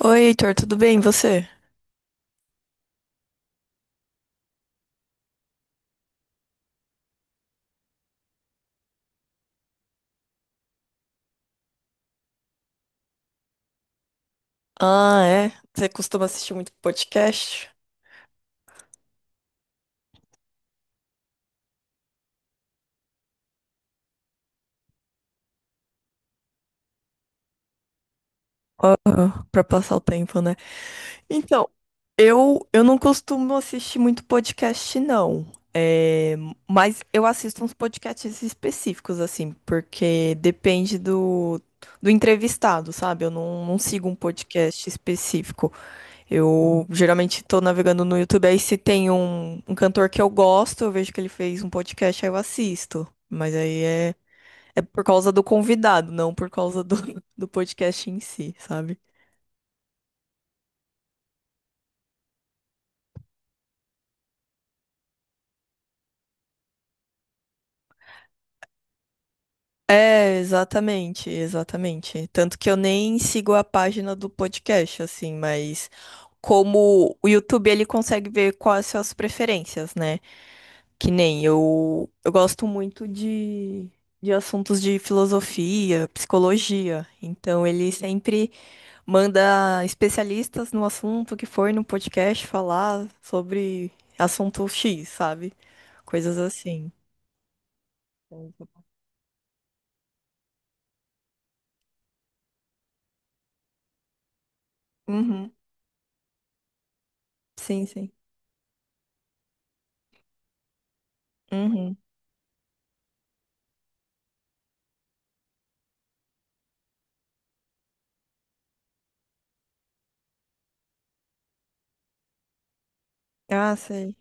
Oi, Heitor, tudo bem? E você? Ah, é? Você costuma assistir muito podcast? Aham, pra passar o tempo, né? Então, eu não costumo assistir muito podcast, não. É, mas eu assisto uns podcasts específicos, assim, porque depende do entrevistado, sabe? Eu não sigo um podcast específico. Eu geralmente tô navegando no YouTube, aí se tem um cantor que eu gosto, eu vejo que ele fez um podcast, aí eu assisto. Mas aí é. É por causa do convidado, não por causa do, do podcast em si, sabe? É, exatamente, exatamente. Tanto que eu nem sigo a página do podcast, assim, mas como o YouTube ele consegue ver quais são as preferências, né? Que nem eu, eu gosto muito de assuntos de filosofia, psicologia, então ele sempre manda especialistas no assunto que for no podcast falar sobre assunto X, sabe? Coisas assim. Uhum. Sim, sim. Uhum. Ah, sei.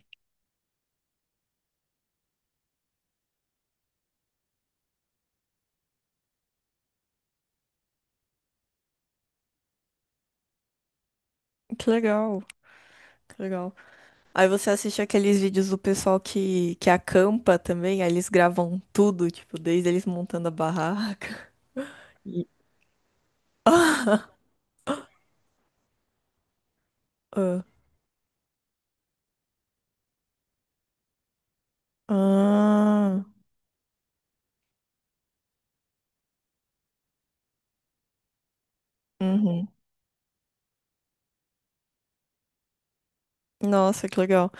Que legal. Que legal. Aí você assiste aqueles vídeos do pessoal que acampa também, aí eles gravam tudo, tipo, desde eles montando a barraca. E... Ah, ah. Uhum. Nossa, que legal.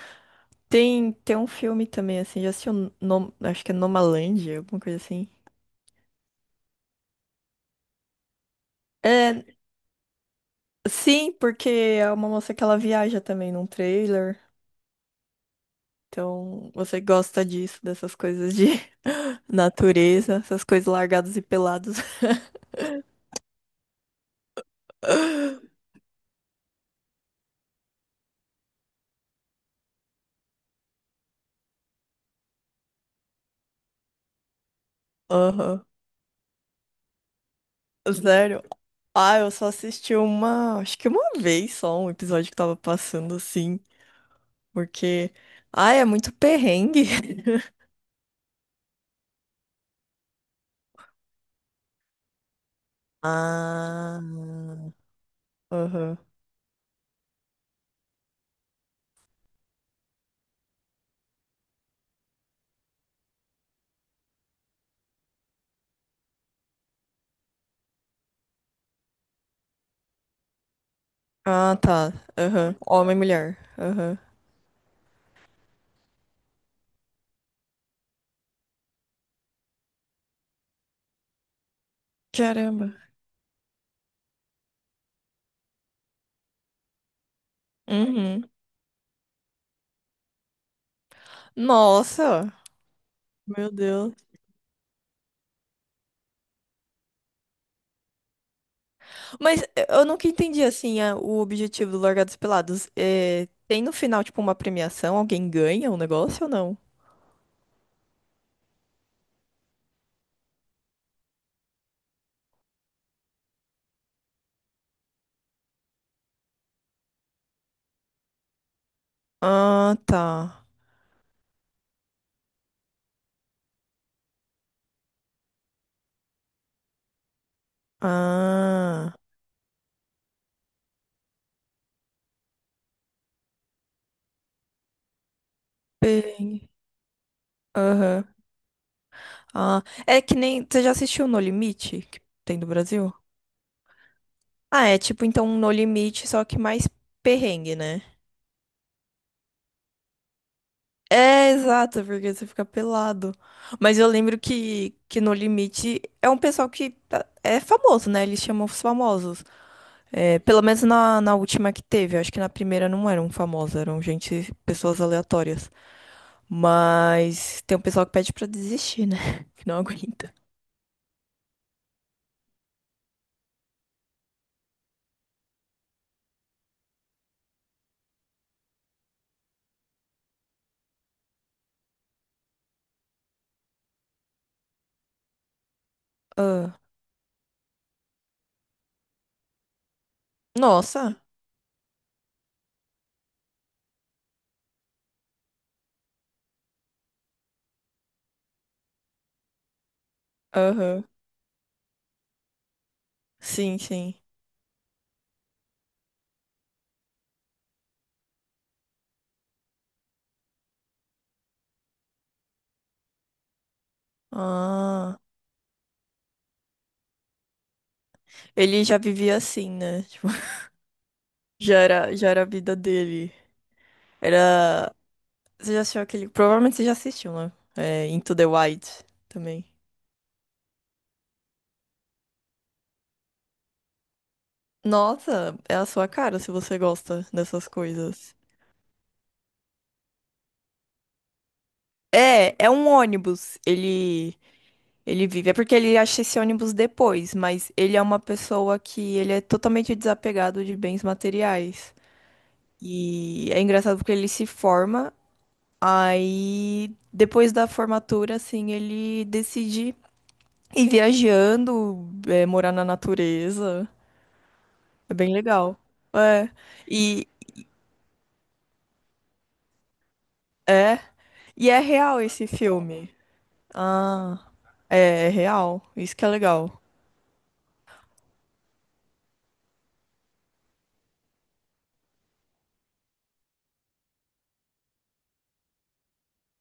Tem um filme também, assim, já assistiu, acho que é nomalândia alguma coisa assim. É, sim, porque é uma moça que ela viaja também num trailer. Então, você gosta disso, dessas coisas de natureza, essas coisas largados e pelados. Aham. Sério? Ah, eu só assisti uma, acho que uma vez só, um episódio que tava passando assim, porque, ah, é muito perrengue. Ah, aham. Ah, tá. Aham. Homem e mulher. Aham. Caramba. Uhum. Nossa. Meu Deus. Mas eu nunca entendi, assim, o objetivo do Largados e Pelados. Tem no final, tipo, uma premiação? Alguém ganha o negócio ou não? Ah, tá. Ah. Bem. Aham. Ah. É que nem. Você já assistiu No Limite? Que tem do Brasil? Ah, é tipo, então, um No Limite, só que mais perrengue, né? É, exato, porque você fica pelado. Mas eu lembro que no Limite é um pessoal que é famoso, né? Eles chamam os famosos. É, pelo menos na última que teve. Eu acho que na primeira não eram famosos, eram gente, pessoas aleatórias. Mas tem um pessoal que pede pra desistir, né? Que não aguenta. Ah, nossa. Aham. Sim, sim. Ah, ele já vivia assim, né? Tipo, já era a vida dele. Era. Você já assistiu aquele. Provavelmente você já assistiu, né? É, Into the Wild também. Nossa, é a sua cara se você gosta dessas coisas. É, é um ônibus. Ele vive. É porque ele acha esse ônibus depois, mas ele é uma pessoa que ele é totalmente desapegado de bens materiais. E é engraçado porque ele se forma, aí depois da formatura, assim, ele decide ir viajando, é, morar na natureza. É bem legal. É. E é, e é real esse filme. Ah, é, é real. Isso que é legal.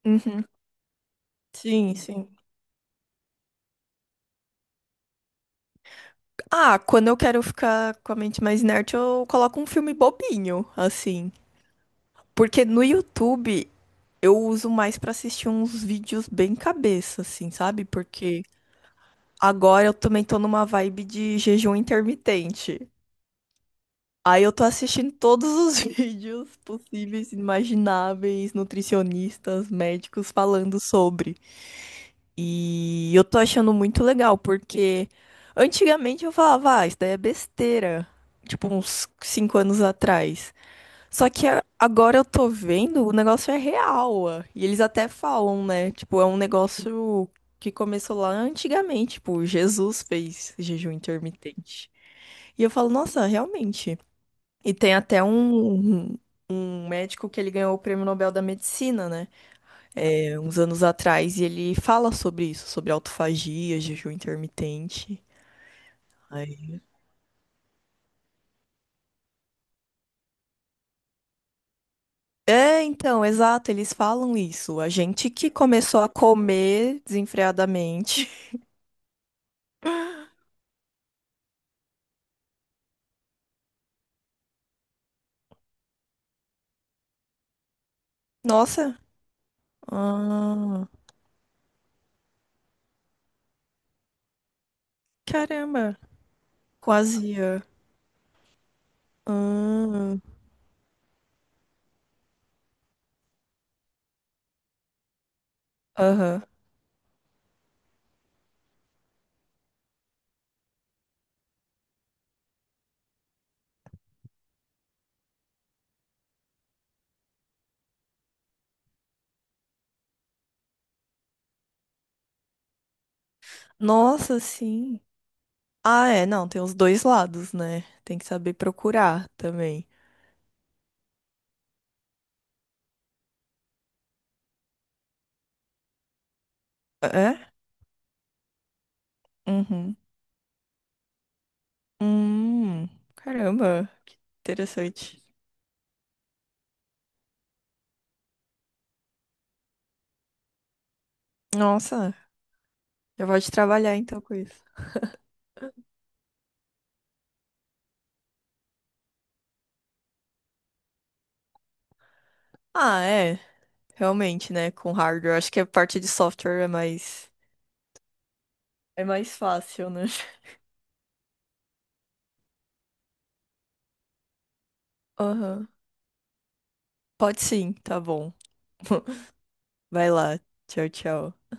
Uhum. Sim, sim. Ah, quando eu quero ficar com a mente mais inerte, eu coloco um filme bobinho, assim. Porque no YouTube eu uso mais pra assistir uns vídeos bem cabeça, assim, sabe? Porque agora eu também tô numa vibe de jejum intermitente. Aí eu tô assistindo todos os vídeos possíveis, imagináveis, nutricionistas, médicos falando sobre. E eu tô achando muito legal, porque antigamente eu falava, ah, isso daí é besteira. Tipo, uns 5 anos atrás. Só que agora eu tô vendo, o negócio é real, ó. E eles até falam, né? Tipo, é um negócio que começou lá antigamente. Tipo, Jesus fez jejum intermitente. E eu falo, nossa, realmente. E tem até um médico que ele ganhou o Prêmio Nobel da Medicina, né? É, uns anos atrás, e ele fala sobre isso, sobre autofagia, jejum intermitente. Ai. É, então, exato, eles falam isso. A gente que começou a comer desenfreadamente. Nossa, ah, caramba, quase ia. Ah, aham. Nossa, sim. Ah, é, não, tem os dois lados, né? Tem que saber procurar também. É? Uhum. Hum, caramba, que interessante. Nossa, já pode trabalhar então com isso. Ah, é, realmente, né? Com hardware, acho que a parte de software é mais fácil, né? Aham. Pode sim, tá bom. Vai lá. Tchau, tchau.